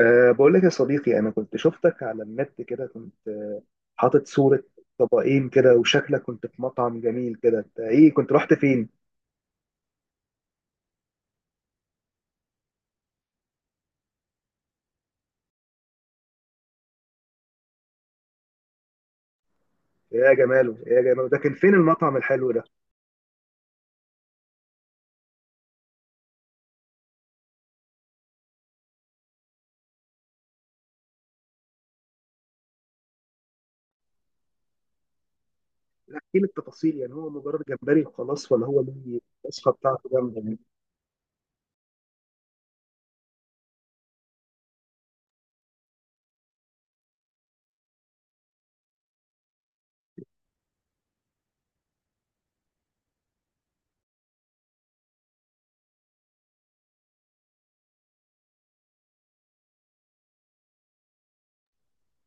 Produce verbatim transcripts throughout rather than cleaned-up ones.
أه بقول لك يا صديقي، أنا كنت شفتك على النت كده، كنت حاطط صورة طبقين كده وشكلك كنت في مطعم جميل كده. أنت إيه، كنت رحت فين؟ يا جماله يا جماله، ده كان فين المطعم الحلو ده؟ احكي لي التفاصيل، يعني هو مجرد جمبري وخلاص ولا هو ليه الوصفة بتاعته جامدة يعني؟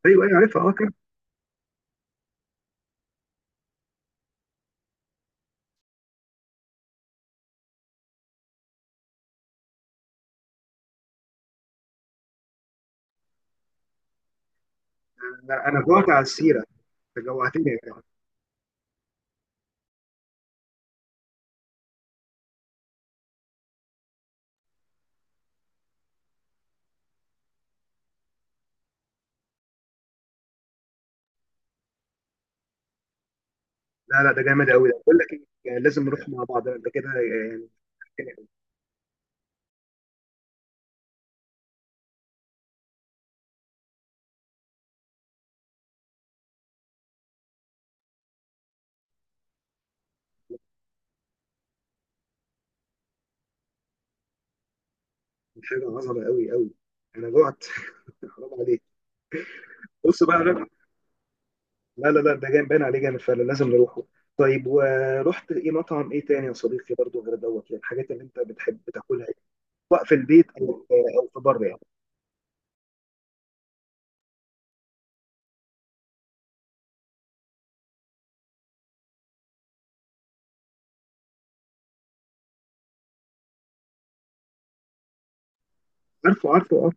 أيوه أيوه عارفها. أه كان أنا أنا جوعت على السيرة، أنت جوعتني يا جماعة. لا لا، ده جامد قوي. ده، بقول لك إيه، يعني لازم نروح مع بعض أنت كده، يعني حاجة عظمة قوي قوي. أنا جوعت. حرام عليك. بص بقى. لا لا لا، ده جامد باين عليه جامد فعلا، لازم نروحه. طيب، ورحت ايه، مطعم ايه تاني يا صديقي برضو غير دوت، يعني الحاجات اللي انت بتحب تاكلها، سواء في البيت او او في بره يعني. عارفه عارفه اه.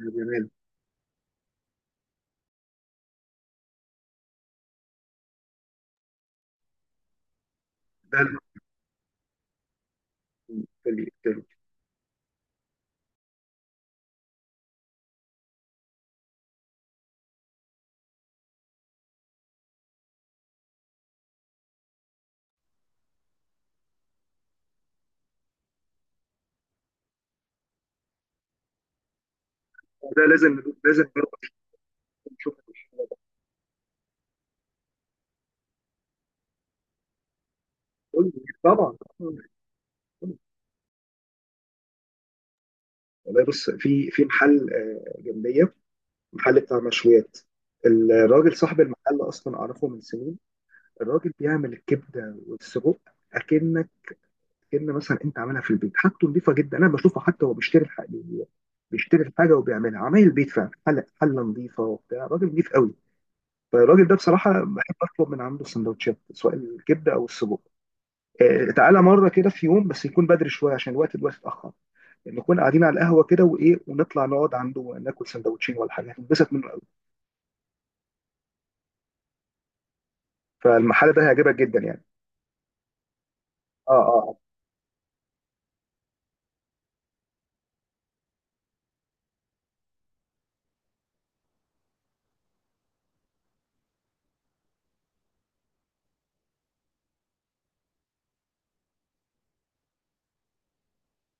يا جمال. ده ال- في ال- في ال- ده لازم لازم نروح نشوف. قول لي، طبعا. والله بص في في محل آه، جنبيه، محل بتاع مشويات. الراجل صاحب المحل اصلا اعرفه من سنين. الراجل بيعمل الكبده والسجق، اكنك كلمه مثلا انت عاملها في البيت، حاجته نظيفه جدا. انا بشوفه حتى هو بيشتري الحاجه. بيشتري الحاجه وبيعملها عمايل البيت فعلا، حله حله نظيفه، وبتاع راجل نظيف قوي. فالراجل ده بصراحه بحب اطلب من عنده سندوتشات سواء الكبده او السجق. آه، تعالى مره كده في يوم، بس يكون بدري شويه عشان الوقت دلوقتي اتاخر، يعني نكون قاعدين على القهوه كده وايه ونطلع نقعد عنده ناكل سندوتشين ولا حاجه، هتنبسط منه قوي. فالمحل ده هيعجبك جدا يعني. اه، اه، اه.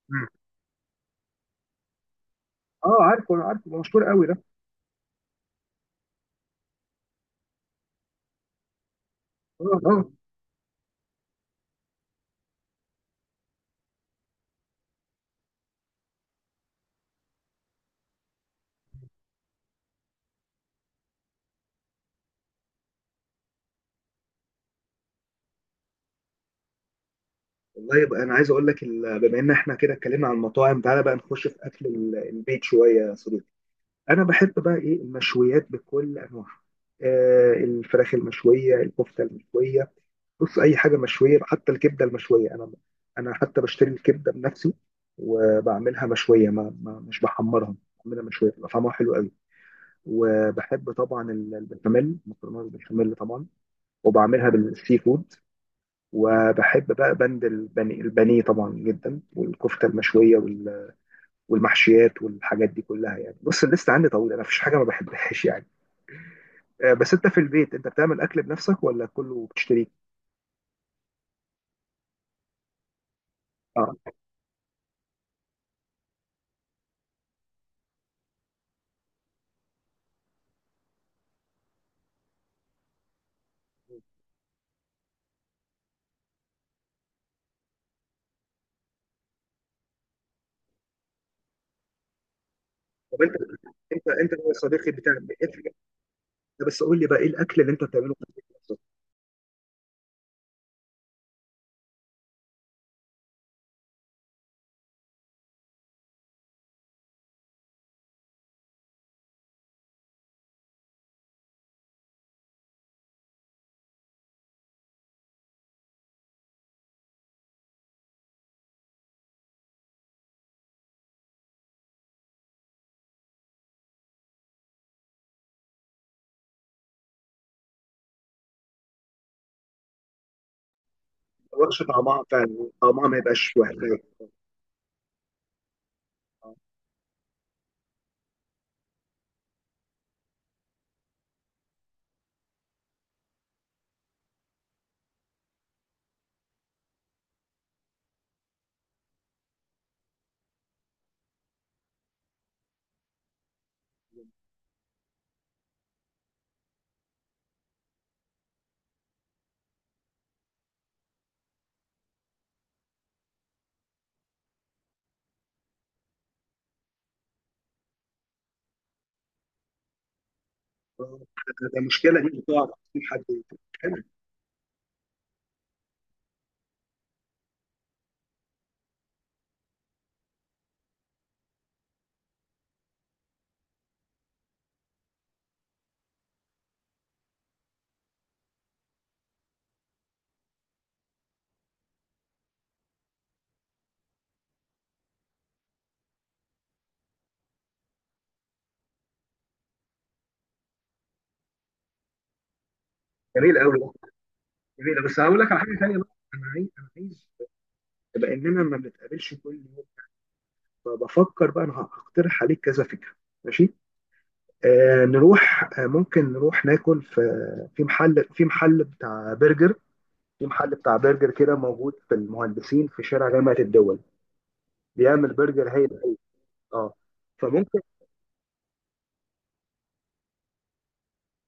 مم. آه، عارفه عارفه، مشهور قوي ده. اه، اه. والله يبقى انا عايز اقول لك، ال- بما ان احنا كده اتكلمنا عن المطاعم، تعالى بقى نخش في اكل ال- البيت شويه يا صديقي. انا بحب بقى ايه، المشويات بكل انواعها. آه الفراخ المشويه، الكفته المشويه. بص اي حاجه مشويه، حتى الكبده المشويه. انا انا حتى بشتري الكبده بنفسي وبعملها مشويه، ما, ما مش بحمرها. بعملها مشويه بتبقى طعمها حلو قوي. وبحب طبعا ال- البشاميل، مكرونه بالبشاميل طبعا، وبعملها بالسي فود. وبحب بقى بند البني البانيه طبعا جدا، والكفته المشويه وال- والمحشيات والحاجات دي كلها يعني. بص الليست عندي طويله، انا مفيش حاجه ما بحبهاش يعني. آه، بس انت في البيت، انت بتعمل اكل بنفسك ولا كله بتشتريه؟ اه. طب انت انت انت يا صديقي، بتعمل انت. بس قول لي بقى، ايه الاكل اللي انت بتعمله في البيت بنفسك؟ ما تقولش، طعمها فعلا طعمها ما يبقاش واحد. آه، ده ده مشكله دي بتقع في حد. حلو. جميل قوي. جميله، بس هقول لك على حاجه ثانيه بقى. انا عايز انا عايز، لاننا ما بنتقابلش كل يوم، فبفكر بقى انا هقترح عليك كذا فكره. ماشي. آه نروح آه ممكن نروح ناكل في في محل في محل بتاع برجر في محل بتاع برجر كده موجود في المهندسين، في شارع جامعه الدول، بيعمل برجر هايل أوي. اه، فممكن،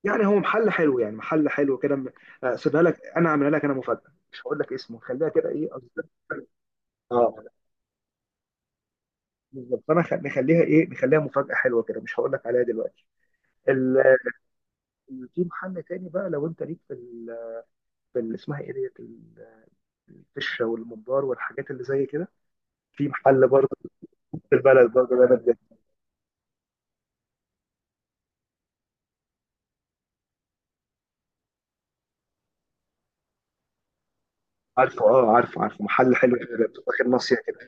يعني هو محل حلو، يعني محل حلو كده. م- آه، سيبها لك، انا عاملها لك، انا مفاجاه، مش هقول لك اسمه، خليها كده ايه أصدق. اه، بالظبط، فانا خ- نخليها ايه نخليها مفاجاه حلوه كده، مش هقول لك عليها دلوقتي. في محل تاني بقى، لو انت ليك في ال- في ال- اسمها ايه ديت ال- الفشه والممبار والحاجات اللي زي كده، في محل برضه في البلد برضه، ده بجد. عارفه، اه، عارفه عارفه، محل حلو كده بتبقى داخل ناصيه كده.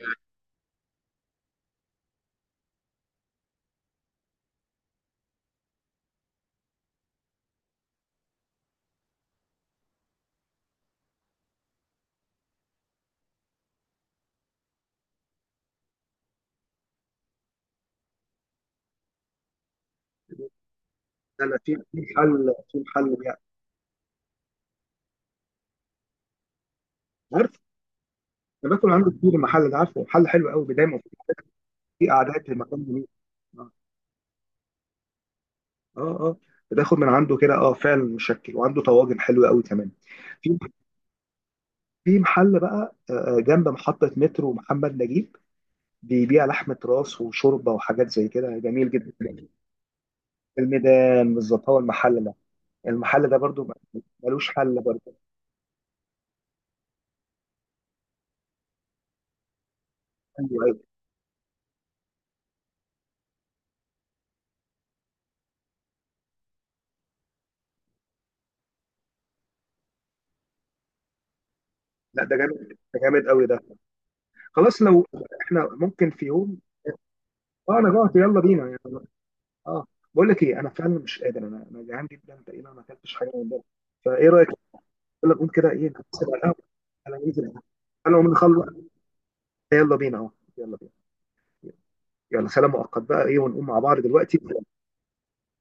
لا لا، في في محل في محل يعني. عارف، انا باكل عنده كتير، المحل ده عارفه، محل حلو قوي دايما. في قعدات، في المكان جميل. اه، اه. آه. بتاخد من عنده كده اه، فعلا مشكل، وعنده طواجن حلوه قوي كمان. في في محل بقى آه، جنب محطه مترو محمد نجيب، بيبيع لحمة راس وشوربة وحاجات زي كده، جميل جدا. الميدان بالظبط هو المحل ده، المحل ده برضو ما- ملوش حل برضو. ايوه، ايوه. لا، ده جامد. ده جامد قوي ده. خلاص لو احنا ممكن في يوم. اه، انا جوعت، يلا بينا يعني. اه. بقول لك ايه، انا فعلا مش قادر، انا انا جعان جدا، تقريبا ما اكلتش حاجه من بره، فايه رايك؟ يلا نقوم كده، ايه نحسب على القهوه. انا ننزل، انا ومن خلص، يلا بينا اهو. يلا بينا. يلا، سلام مؤقت بقى ايه، ونقوم مع بعض دلوقتي.